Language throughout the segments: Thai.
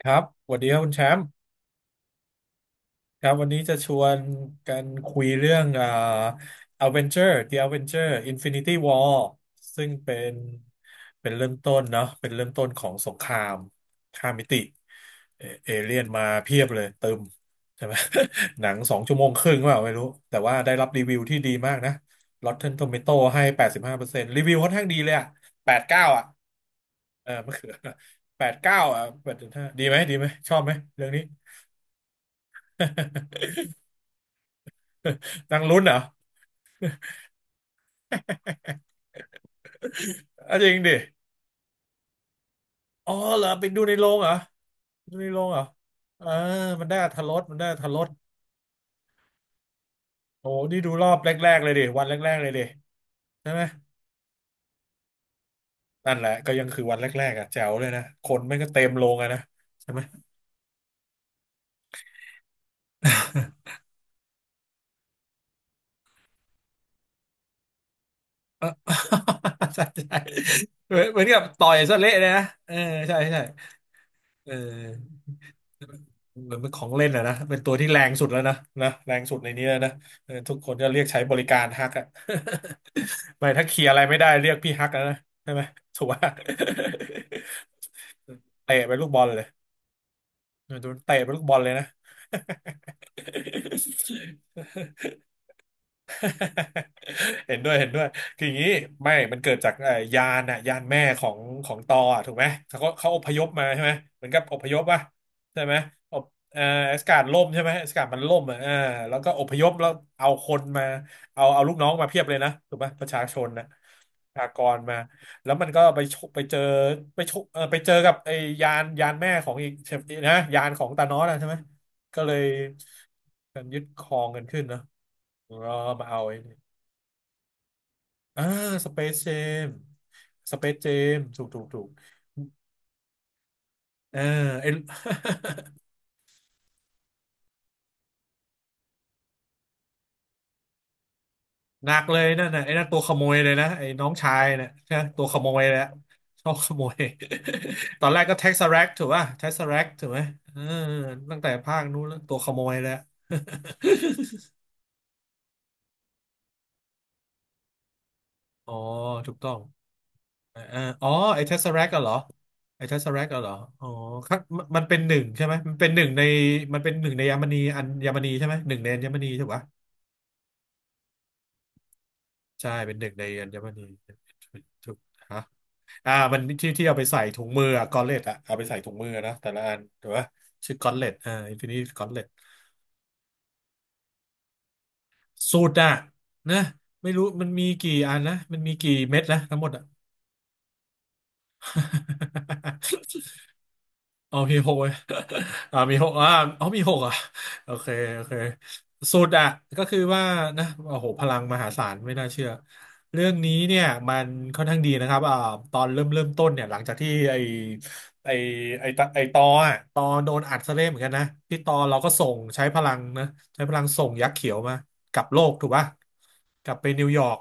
ครับสวัสดีครับคุณแชมป์ครับวันนี้จะชวนกันคุยเรื่องThe Avenger Infinity War ซึ่งเป็นเริ่มต้นเนาะเป็นเริ่มต้นของสงครามข้ามมิติ เอเลี่ยนมาเพียบเลยเติมใช่ไหม หนัง2 ชั่วโมงครึ่งเปล่าไม่รู้ แต่ว่าได้รับรีวิวที่ดีมากนะ Rotten Tomato ให้85%รีวิวค่อนข้างดีเลยอะแปดสิบเก้าอะเออมะเขือแปดสิบเก้าอะแปดสิบห้าดีไหมดีไหมชอบไหมเรื่องนี้ นางลุ้นเหรอ อ่ะจริงดิอ๋อเหรอไปดูในโรงเหรอดูในโรงเหรอเออมันได้อรรถรสมันได้อรรถรสโอ้นี่ดูรอบแรกๆเลยดิวันแรกๆเลยดิใช่ไหมนั่นแหละก็ยังคือวันแรกๆอ่ะแจ๋วเลยนะคนไม่งก็เต็มโรงอะนะใช่ไหม เออ ใช่ใช่เหมือนเหมือนกับต่อยซะเละเลยนะเออใช่ใช่ เออเหมือนเป็นของเล่นอะนะเป็นตัวที่แรงสุดแล้วนะนะแรงสุดในนี้แล้วนะเออทุกคนก็เรียกใช้บริการฮักอะ ไม่ถ้าเคลียร์อะไรไม่ได้เรียกพี่ฮักแล้วนะใช่ไหมถูกว่า เตะเป็นลูกบอลเลยเออโดนเตะเป็นลูกบอลเลยนะ เห็นด้วยเห็นด้วยคืออย่างนี้ไม่มันเกิดจากยานอะยานแม่ของตออะถูกไหมเขาอพยพมาใช่ไหมเหมือนกับอพยพวะใช่ไหมอบเอ่ออากาศล่มใช่ไหมอากาศมันล่มอ่ะแล้วก็อพยพแล้วเอาคนมาเอาลูกน้องมาเพียบเลยนะถูกไหมประชาชนนะประชากรมาแล้วมันก็ไปชกไปเจอไปชกเออไปเจอกับไอ้ยานแม่ของอีกใช่นะยานของตานอสอะใช่ไหมก็เลยการยึดครองกันขึ้นเนอะ ก็มาเอาไอ้นี่อ่าสเปซเจมสเปซเจมถูกเออไอ้ หนักเลยนั่นน่ะไอ้นั่นตัวขโมยเลยนะไอ้น้องชายเนี่ยใช่ไหมตัวขโมยแล้วชอบขโมย ตอนแรกก็เท็กซัสแรกถูกป่ะเท็กซัสรกถูกไหมเออตั้งแต่ภาคนู้นแล้วตัวขโมยแล้ว อ๋อถูกต้อง อ่าอาอ๋อไอ้ Tesseract อะเหรอไอ้ Tesseract อะเหรออ๋อครับมันมันเป็นหนึ่งใช่ไหมมันเป็นหนึ่งในมันเป็นหนึ่งในอัญมณีใช่ไหมหนึ่งในอัญมณีถูกปะใช่เป็นหนึ่งในอัญมณีถูกฮะอ่ามันที่ที่เอาไปใส่ถุงมืออะกอลเลตอะเอาไปใส่ถุงมือนะแต่ละอันถูกปะชื่อกอลเลตอ่าอินฟินิตี้กอลเลตสูตรอะนะไม่รู้มันมีกี่อันนะมันมีกี่เม็ดนะทั้งหมดอะ เอามีหกเว้ย อ่ามีหกอ่าเอามีหกอ่ะโอเคโอเคสุดอ่ะก็คือว่านะโอ้โหพลังมหาศาลไม่น่าเชื่อเรื่องนี้เนี่ยมันค่อนข้างดีนะครับอ่าตอนเริ่มต้นเนี่ยหลังจากที่ไอไอตออ่ะตอโดนอัดซะเละเหมือนกันนะพี่ตอเราก็ส่งใช้พลังนะใช้พลังส่งยักษ์เขียวมากลับโลกถูกป่ะกลับไปนิวยอร์ก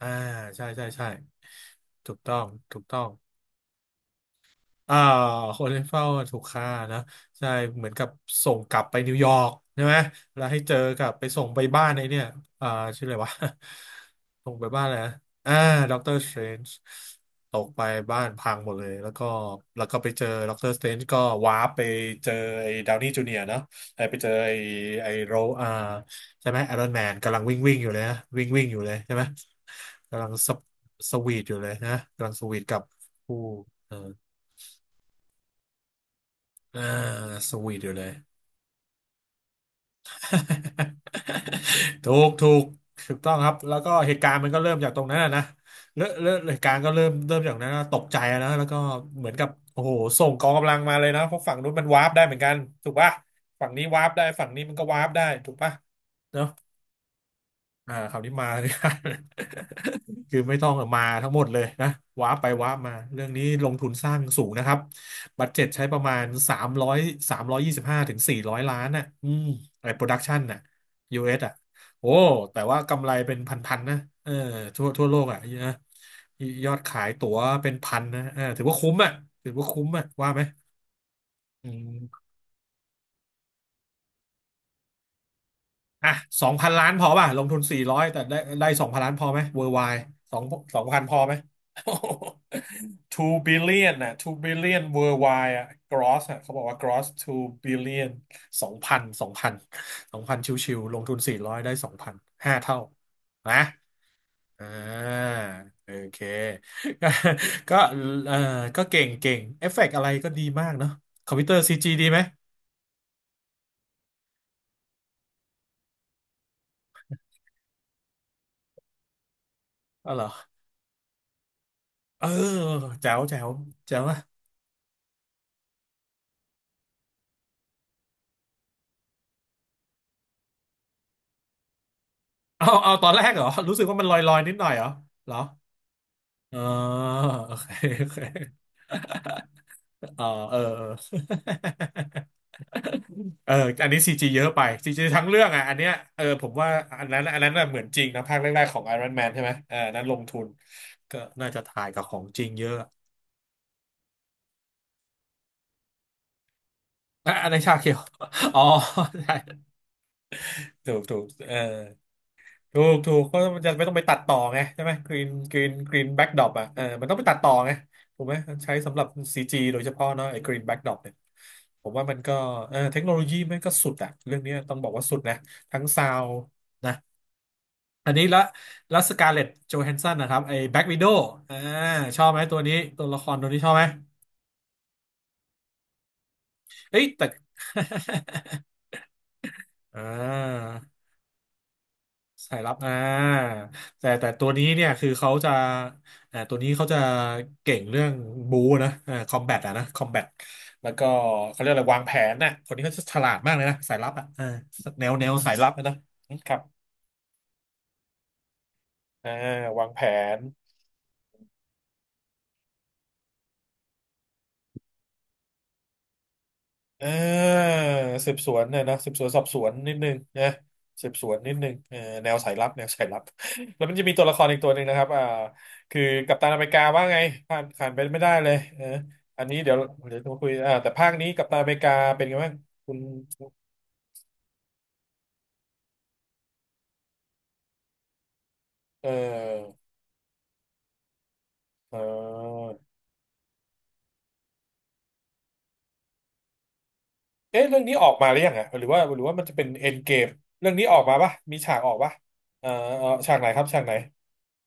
อ่าใช่ใช่ใช่ถูกต้องถูกต้อง อ่าคนที่เฝ้าถูกฆ่านะใช่เหมือนกับส่งกลับไปนิวยอร์กใช่ไหมแล้วให้เจอกับไปส่งไปบ้านไอ้เนี่ยอ่าชื่ออะไรวะ ส่งไปบ้านอะไรนะอ่าด็อกเตอร์สเตรนจ์ตกไปบ้านพังหมดเลยแล้วก็แล้วก็ไปเจอด็อกเตอร์สเตรนจ์ก็วาร์ปไปเจอไอ้ดาวนี่จูเนียร์เนาะไอ้ไปเจอไอ้ไอ้โรอ่าใช่ไหมไอรอนแมนกำลังวิ่งวิ่งอยู่เลยนะวิ่งวิ่งอยู่เลยใช่ไหมกำลังสวีทอยู่เลยนะกำลังสวีทกับผู้ อ่าสวีทอยู่เลย ถูกถูกถูกต้องครับแล้วก็เหตุการณ์มันก็เริ่มจากตรงนั้นอะนะเริ่มเริ่มเหตุการณ์ก็เริ่มจากนั้นนะตกใจอะนะแล้วก็เหมือนกับโอ้โหส่งกองกำลังมาเลยนะเพราะฝั่งนู้นมันวาร์ปได้เหมือนกันถูกป่ะฝั่งนี้วาร์ปได้ฝั่งนี้มันก็วาร์ปได้ถูกป่ะเนอะ อ่าคราวนี้มา เลย คือไม่ต้องมาทั้งหมดเลยนะว้าร์ปไปว้าร์ปมาเรื่องนี้ลงทุนสร้างสูงนะครับบัดเจ็ตใช้ประมาณสามร้อย325 ถึง 400 ล้านน่ะอืมไอ้โปรดักชันน่ะ US อสอ่ะโอ้แต่ว่ากำไรเป็นพันๆนะเออทั่วโลกอ่ะนะยอดขายตั๋วเป็นพันนะเออถือว่าคุ้มอ่ะถือว่าคุ้มอ่ะว่าไหมอืม อ่ะสองพันล้านพอป่ะลงทุนสี่ร้อยแต่ได้สองพันล้านพอไหมเวอร์ไวสองสองพันพอไหม two billion น่ะ two billion worldwide อ่ะ gross อ่ะเขาบอกว่า gross two billion สองพันสองพันชิวๆลงทุนสี่ร้อยได้สองพันห้าเท่านะอ่าโอเค ก็ก็เออก็เก่งเอฟเฟกต์อะไรก็ดีมากเนาะคอมพิวเตอร์ซีจีดีไหมอ๋อเหรอเออแจ๋วแจ๋วแจ๋วอะ เอาเอาตอนแรกเหรอรู้สึกว่ามันลอยลอยนิดหน่อยเหรอเหรออ๋อโอเคโอเคอ๋อเออเออเอออันนี้ซีจีเยอะไปซีจีทั้งเรื่องอ่ะอันเนี้ยเออผมว่าอันนั้นน่ะเหมือนจริงนะภาคแรกๆของ Iron Man ใช่ไหมเอออันนั้นลงทุนก็น่าจะถ่ายกับของจริงเยอะอะอันในชาเขียวอ๋อใช่ถูกเออ ถูกก็มันจะไม่ต้องไปตัดต่อไงใช่ไหมกรีนแบ็กดรอปอ่ะเออมันต้องไปตัดต่อไงถูกไหมใช้สำหรับซีจีโดยเฉพาะเนาะไอ้กรีนแบ็กดรอปเนี่ยผมว่ามันก็เออเทคโนโลยีมันก็สุดอ่ะเรื่องนี้ต้องบอกว่าสุดนะทั้งซาวนะอันนี้ละแล้วสกาเล ตโจแฮนสันนะครับไอ้แบ็กวิโดว์อ่าชอบไหมตัวนี้ตัวละครตัวนี้ชอบไหมเฮ้ยแต่ อ่า สายลับอ่าแต่ตัวนี้เนี่ยคือเขาจะอ่าตัวนี้เขาจะเก่งเรื่องบูนะอ่าคอมแบทอะนะคอมแบทแล้วก็เขาเรียกอะไรวางแผนนะคนนี้เขาจะฉลาดมากเลยนะสายลับอะอ่าแนวสายลับอะนะครับอ่าวางแผน เ่าสืบสวนเนี่ยนะสืบสวนสอบสวนนิดนึงนะสืบสวนนิดนึงเออแนวสายลับแนวสายลับ แล้วมันจะมีตัวละครอีกตัวหนึ่งนะครับอ่าคือกัปตันอเมริกาว่าไงผ่านไปไม่ได้เลยเอออันนี้เดี๋ยวเดี๋ยวมาคุยอ่าแต่ภาคนี้กัปตันอเมริกาเป็นไงบ้างคุณเออเออเอ๊ะเรื่องนี้ออกมาหรือยังอ่ะหรือว่ามันจะเป็นเอ็นเกมเรื่องนี้ออกมาปะมีฉากออกปะเออเออฉากไหนครับฉากไหน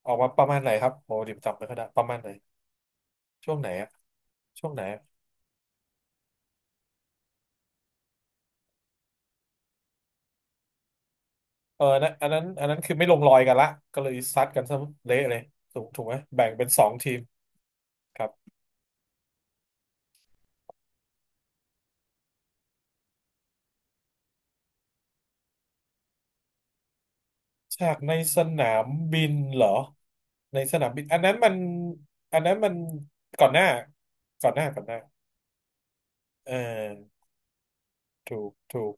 ออกมาประมาณไหนครับโอ้ดิบจำไม่ค่อยได้ประมาณไหนช่วงไหนอะช่วงไหน เออนะอันนั้นคือไม่ลงรอยกันละก็เลยซัดกันซะเละเลยถูกไหมแบ่งเป็นสองทีมครับฉากในสนามบินเหรอในสนามบินอันนั้นมันอันนั้นมันก่อนหน้าก่อนหน้าก่อนหน้าเออถูก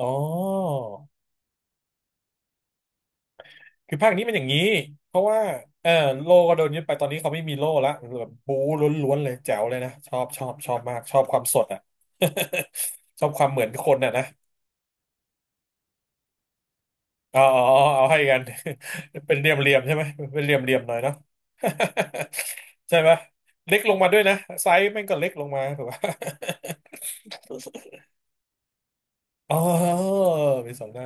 อ๋อคือภาคนี้มันอย่างนี้เพราะว่าเออโล่ก็โดนยึดไปตอนนี้เขาไม่มีโล่ละแบบบู๊ล้วนๆเลยแจ๋วเลยนะชอบมากชอบความสดอ่ะ ชอบความเหมือนคนอ่ะนะ อ๋ออ๋อเอาให้กัน เป็นเหลี่ยมเหลี่ยมใช่ไหม เป็นเหลี่ยมเหลี่ยมหน่อยเนาะ ใช่ไหมเล็กลงมาด้วยนะไซส์แม่งก็เล็กลงมาถูกป่ะ อ๋อมีสองหน้า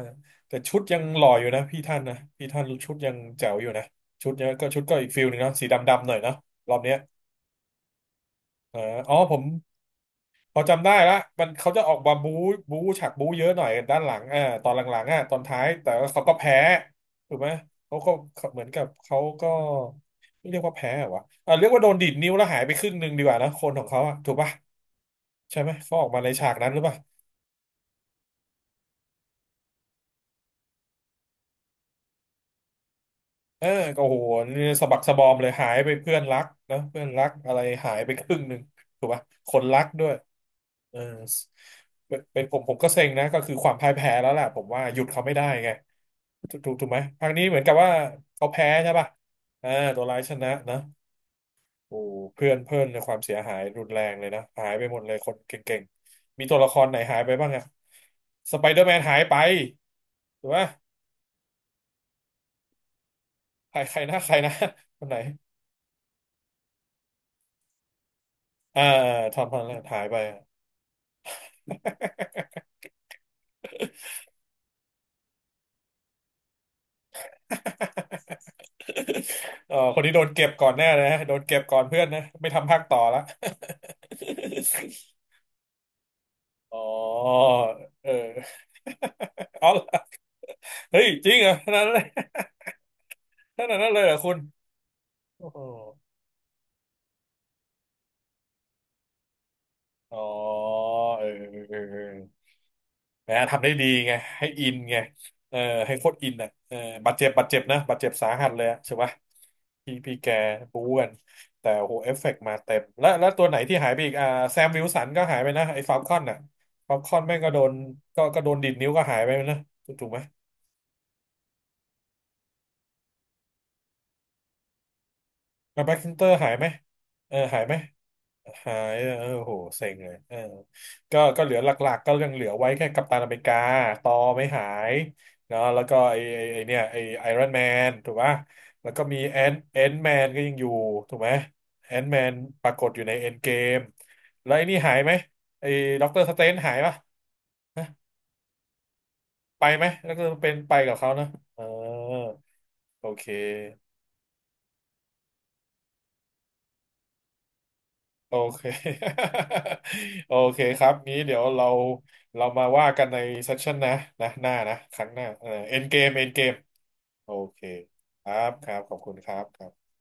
แต่ชุดยังหล่ออยู่นะพี่ท่านชุดยังแจ๋วอยู่นะชุดเนี้ยก็ชุดก็อีกฟิลหนึงเนาะสีดำๆหน่อยเนาะรอบเนี้ยเอออ๋อผม พอจำได้ละมันเขาจะออกมาบู๊บู๊ฉากบู๊เยอะหน่อยด้านหลังอ่าตอนหลังๆอ่ะตอนท้ายแต่ว่าเขาก็แพ้ถูกไหมเขาก็เหมือนกับเขาก็ไม่เรียกว่าแพ้เหรอวะอ่าเรียกว่าโดนดีดนิ้วแล้วหายไปครึ่งหนึ่งดีกว่านะคนของเขาอ่ะถูกปะใช่ไหมเขาออกมาในฉากนั้นหรือเปล่า เออก็โหนี่สะบักสะบอมเลยหายไปเพื่อนรักนอะเพื่อนรักอะไรหายไปครึ่งหนึ่งถูกปะคนรักด้วยเออเป็นผมก็เซ็งนะก็คือความพ่ายแพ้แล้วแหละผมว่าหยุดเขาไม่ได้ไงถูกไหมครั้งนี้เหมือนกับว่าเขาแพ้ใช่ป่ะเออตัวร้ายชนะนะโอ้เพื่อนเพื่อนในยความเสียหายรุนแรงเลยนะหายไปหมดเลยคนเก่งๆมีตัวละครไหนหายไปบ้างอะสไปเดอร์แมนหายไปถูกปะใครใครนะใครนะคนไหน อ่าทอมฮอลแลนด์หายไปเอ อคนนี้โดนเก็บก่อนแน่เลยนะโดนเก็บก่อนเพื่อนนะไม่ทำภาคต่อละ อ๋อเออ เอาล่ะเฮ้ยจริงเหรอขนาดนั้นเลย ขนาดนั้นเลยเหรอคุณโอ้โห อ๋อเออนะทำได้ดีไงให้อินไงเออให้โคตรอินอ่ะเออบาดเจ็บนะบาดเจ็บสาหัสเลยอะใช่ปะพี่แกบู๊กันแต่โอ้โหเอฟเฟกต์มาเต็มแล้วแล้วตัวไหนที่หายไปอีกอ่าแซมวิลสันก็หายไปนะไอ้ฟาลคอนอ่ะฟาลคอนแม่งก็โดนก็โดนดิดนิ้วก็หายไปนะถูกไหมแล้วแบ็คซินเตอร์หายไหมเออหายไหม หายเออโหเซ็งเลยเออก็เหลือหลักๆก็ยังเหลือไว้แค่กัปตันอเมริกาตอไม่หายเนาะแล้วก็ไอเนี่ยไอไอรอนแมนถูกป่ะแล้วก็มีแอนแมนก็ยังอยู่ถูกไหมแอนแมนปรากฏอยู่ในเอ็นเกมแล้วไอนี่หายไหมไอด็อกเตอร์สเตนหายป่ะฮะไปไหมแล้วก็เป็นไปกับเขานะเออโอเค โอเค โอเคครับนี้เดี๋ยวเราเรามาว่ากันในเซสชันนะนะหน้านะครั้งหน้าเออเอ็นเกมเอ็นเกมโอเคครับครับขอบคุณครับครับ